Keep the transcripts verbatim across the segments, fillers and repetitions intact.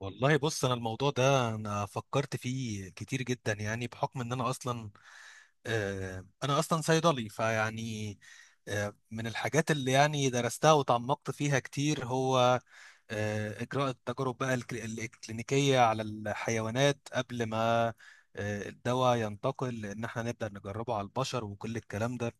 والله بص، انا الموضوع ده انا فكرت فيه كتير جدا يعني بحكم ان انا اصلا آه، انا اصلا صيدلي فيعني آه، من الحاجات اللي يعني درستها وتعمقت فيها كتير هو آه، اجراء التجارب بقى الك- الكلينيكية على الحيوانات قبل ما آه، الدواء ينتقل ان احنا نبدأ نجربه على البشر وكل الكلام ده.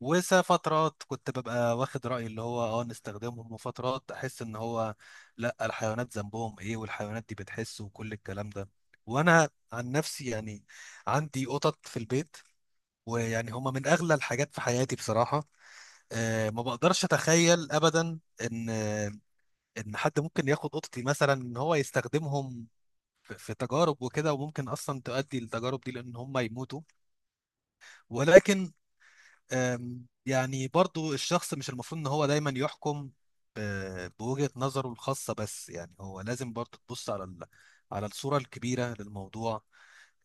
وفترات كنت ببقى واخد رأيي اللي هو اه نستخدمهم، وفترات احس ان هو لا الحيوانات ذنبهم ايه والحيوانات دي بتحس وكل الكلام ده. وانا عن نفسي يعني عندي قطط في البيت، ويعني هما من اغلى الحاجات في حياتي بصراحة. أه ما بقدرش اتخيل ابدا ان آه، ان حد ممكن ياخد قطتي مثلا ان هو يستخدمهم في في تجارب وكده، وممكن اصلا تؤدي للتجارب دي لان هما يموتوا. ولكن أم، يعني برضو الشخص مش المفروض ان هو دايما يحكم ب- بوجهة نظره الخاصة، بس يعني هو لازم برضو تبص على ال- على الصورة الكبيرة للموضوع.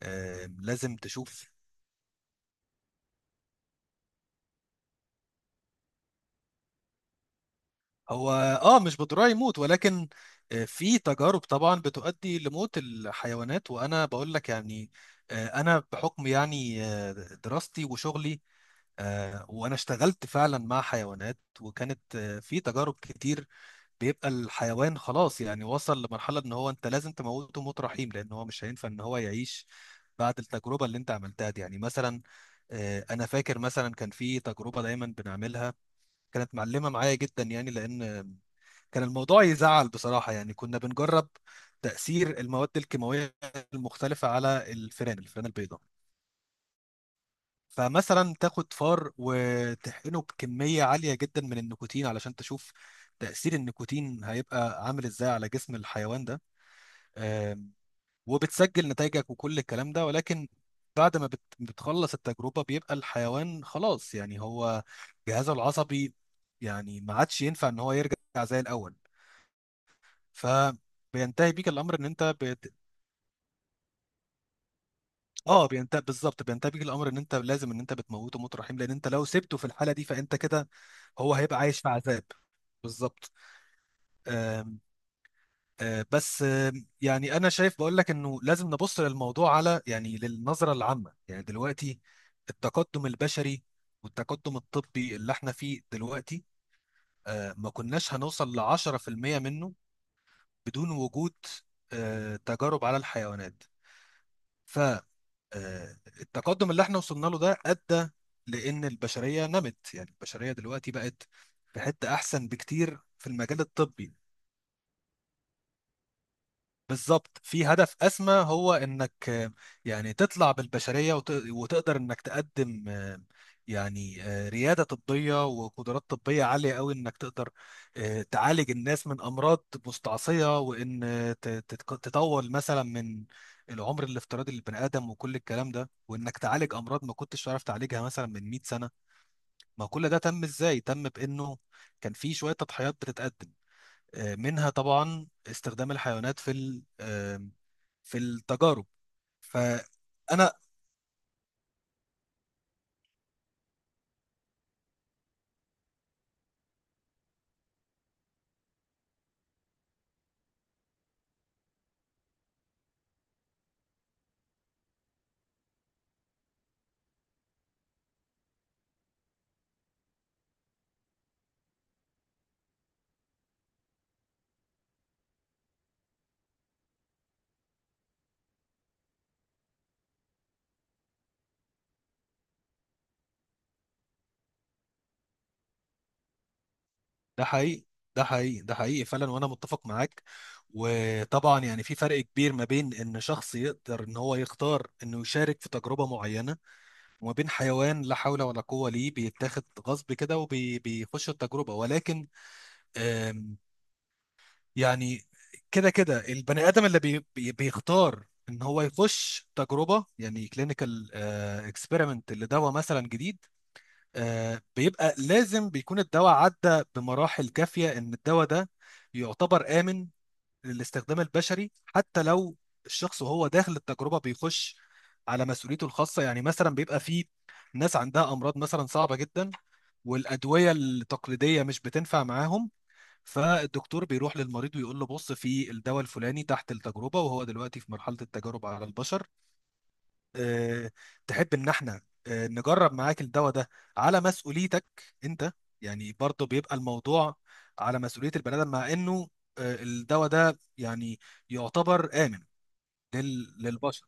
أم، لازم تشوف. هو اه مش بضرورة يموت، ولكن آه، في تجارب طبعا بتؤدي لموت الحيوانات، وانا بقول لك يعني آه، انا بحكم يعني آه، دراستي وشغلي آه، وانا اشتغلت فعلا مع حيوانات، وكانت آه، في تجارب كتير بيبقى الحيوان خلاص يعني وصل لمرحلة ان هو انت لازم تموته موت رحيم لان هو مش هينفع ان هو يعيش بعد التجربة اللي انت عملتها دي. يعني مثلا آه، انا فاكر مثلا كان في تجربة دايما بنعملها كانت معلمة معايا جدا، يعني لان آه، كان الموضوع يزعل بصراحة. يعني كنا بنجرب تأثير المواد الكيماوية المختلفة على الفئران الفئران البيضاء. فمثلا تاخد فار وتحقنه بكمية عالية جدا من النيكوتين علشان تشوف تأثير النيكوتين هيبقى عامل ازاي على جسم الحيوان ده. آم، وبتسجل نتائجك وكل الكلام ده، ولكن بعد ما بت- بتخلص التجربة بيبقى الحيوان خلاص، يعني هو جهازه العصبي يعني ما عادش ينفع ان هو يرجع زي الأول، فبينتهي بيك الأمر ان انت اه بينتهي بالظبط، بينتهي الامر ان انت لازم ان انت بتموته موت رحيم، لان انت لو سبته في الحاله دي فانت كده هو هيبقى عايش في عذاب بالظبط. آم، آه، بس آم، يعني انا شايف بقول لك انه لازم نبص للموضوع على يعني للنظره العامه. يعني دلوقتي التقدم البشري والتقدم الطبي اللي احنا فيه دلوقتي آه، ما كناش هنوصل ل عشرة في المية منه بدون وجود آه، تجارب على الحيوانات. آه، التقدم اللي احنا وصلنا له ده ادى لان البشريه نمت، يعني البشريه دلوقتي بقت في حته احسن بكتير في المجال الطبي. بالظبط، في هدف أسمى هو إنك آه، يعني تطلع بالبشرية وت- وتقدر إنك تقدم آه، يعني آه، ريادة طبية وقدرات طبية عالية قوي إنك تقدر آه، تعالج الناس من أمراض مستعصية، وإن آه، ت- تتك- تطول مثلا من العمر الافتراضي للبني آدم وكل الكلام ده، وإنك تعالج أمراض ما كنتش تعرف تعالجها مثلا من 100 سنة. ما كل ده تم إزاي؟ تم بإنه كان في شوية تضحيات بتتقدم آه، منها طبعا استخدام الحيوانات في ال- آه، في التجارب. فانا ده حقيقي، ده حقيقي، ده حقيقي فعلا، وانا متفق معاك. وطبعا يعني في فرق كبير ما بين ان شخص يقدر ان هو يختار انه يشارك في تجربة معينة وما بين حيوان لا حول ولا قوة ليه بيتاخد غصب كده وبيخش التجربة. ولكن يعني كده كده البني ادم اللي بي بي بيختار ان هو يخش تجربه يعني كلينيكال اكسبيرمنت لدواء مثلا جديد. آه، بيبقى لازم بيكون الدواء عدى بمراحل كافيه ان الدواء ده يعتبر امن للاستخدام البشري، حتى لو الشخص وهو داخل التجربه بيخش على مسؤوليته الخاصه. يعني مثلا بيبقى في ناس عندها امراض مثلا صعبه جدا، والادويه التقليديه مش بتنفع معاهم. فالدكتور بيروح للمريض ويقول له: بص في الدواء الفلاني تحت التجربة، وهو دلوقتي في مرحلة التجارب على البشر، أه تحب ان احنا أه نجرب معاك الدواء ده على مسؤوليتك انت؟ يعني برضه بيبقى الموضوع على مسؤولية البني آدم، مع انه أه الدواء ده يعني يعتبر آمن لل- للبشر.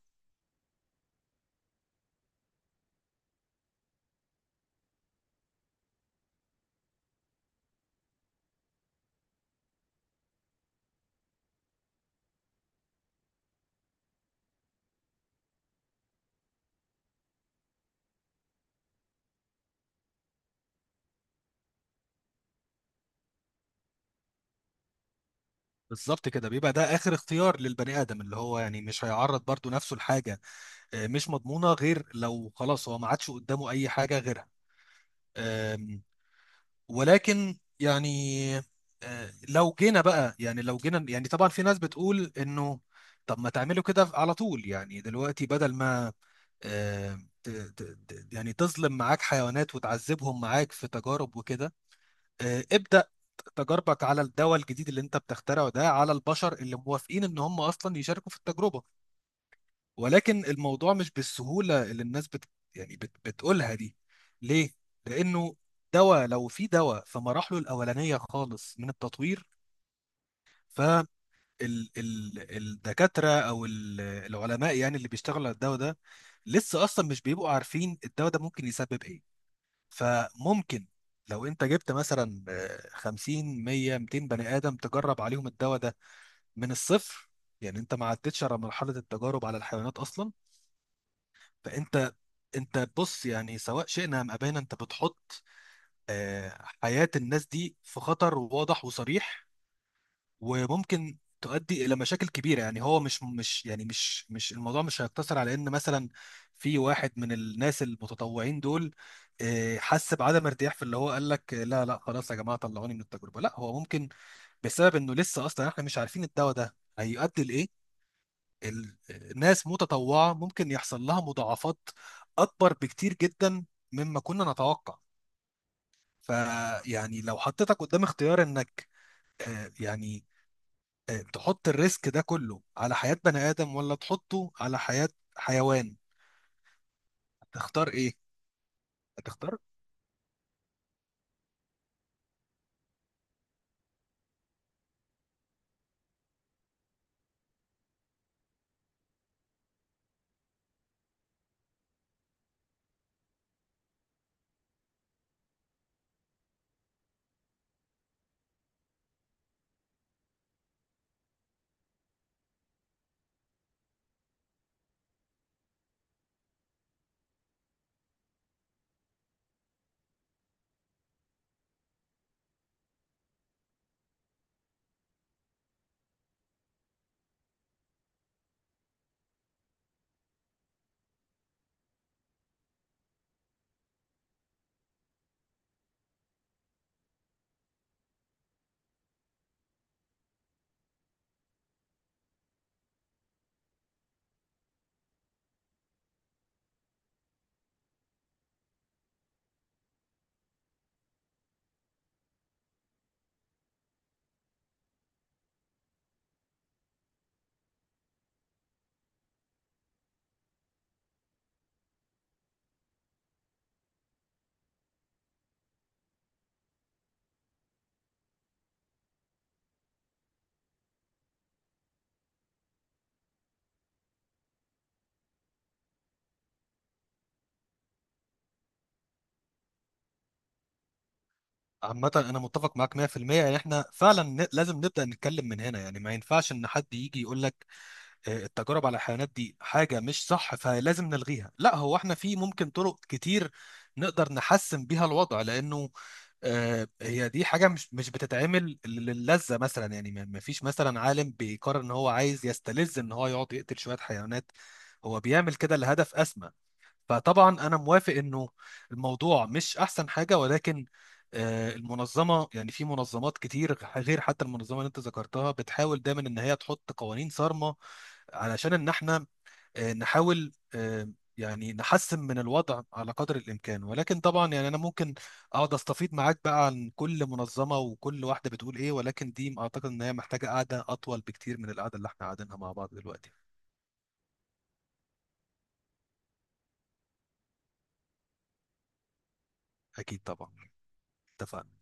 بالظبط كده، بيبقى ده اخر اختيار للبني ادم، اللي هو يعني مش هيعرض برضه نفسه لحاجه أه، مش مضمونه غير لو خلاص هو ما عادش قدامه اي حاجه غيرها. آم، ولكن يعني آه، لو جينا بقى يعني لو جينا يعني طبعا في ناس بتقول انه طب ما تعملوا كده على طول، يعني دلوقتي بدل ما آه، ت- ت- ت- يعني تظلم معاك حيوانات وتعذبهم معاك في تجارب وكده، آه، ابدأ تجاربك على الدواء الجديد اللي انت بتخترعه ده على البشر اللي موافقين ان هم اصلا يشاركوا في التجربة. ولكن الموضوع مش بالسهولة اللي الناس بت يعني بت بتقولها دي. ليه؟ لأنه دواء، لو في دواء في مراحله الأولانية خالص من التطوير، فالدكاترة أو ال- العلماء يعني اللي بيشتغلوا على الدواء ده لسه أصلا مش بيبقوا عارفين الدواء ده ممكن يسبب إيه. فممكن لو أنت جبت مثلا آه، خمسين مية ميتين بني آدم تجرب عليهم الدواء ده من الصفر، يعني أنت ما عدتش على مرحلة التجارب على الحيوانات أصلا. فانت انت بص، يعني سواء شئنا ام ابينا انت بتحط آه، حياة الناس دي في خطر واضح وصريح، وممكن تؤدي الى مشاكل كبيره. يعني هو مش مش يعني مش مش الموضوع مش هيقتصر على ان مثلا في واحد من الناس المتطوعين دول آه، حس بعدم ارتياح في اللي هو قال لك لا لا خلاص يا جماعه طلعوني من التجربه. لا، هو ممكن بسبب انه لسه اصلا احنا مش عارفين الدواء ده هيؤدي لايه ال- الناس متطوعة ممكن يحصل لها مضاعفات أكبر بكتير جدا مما كنا نتوقع. فيعني لو حطيتك قدام اختيار إنك آه، يعني آه، تحط الريسك ده كله على حياة بني آدم ولا تحطه على حياة حيوان، هتختار إيه؟ هتختار. عامة أنا متفق معاك مية في المية. إن إحنا فعلا ن- لازم نبدأ نتكلم من هنا، يعني ما ينفعش إن حد يجي يقول لك آه، التجارب على الحيوانات دي حاجة مش صح فلازم نلغيها. لا، هو احنا في ممكن طرق كتير نقدر نحسن بيها الوضع، لأنه آه، هي دي حاجة مش مش بتتعمل للذة مثلا، يعني ما ما فيش مثلا عالم بيقرر ان هو عايز يستلذ ان هو يقعد يقتل شوية حيوانات. هو بيعمل كده لهدف أسمى. فطبعا أنا موافق انه الموضوع مش أحسن حاجة، ولكن آه، المنظمة يعني في منظمات كتير غير حتى المنظمة اللي انت ذكرتها بتحاول دايما ان هي تحط قوانين صارمة علشان ان احنا آه، نحاول آه، يعني نحسن من الوضع على قدر الامكان. ولكن طبعا يعني انا ممكن اقعد استفيد معاك بقى عن كل منظمه وكل واحده بتقول ايه، ولكن دي اعتقد ان هي محتاجه قعده اطول بكتير من القعده اللي احنا قاعدينها مع بعض دلوقتي. اكيد طبعا. اتفقنا.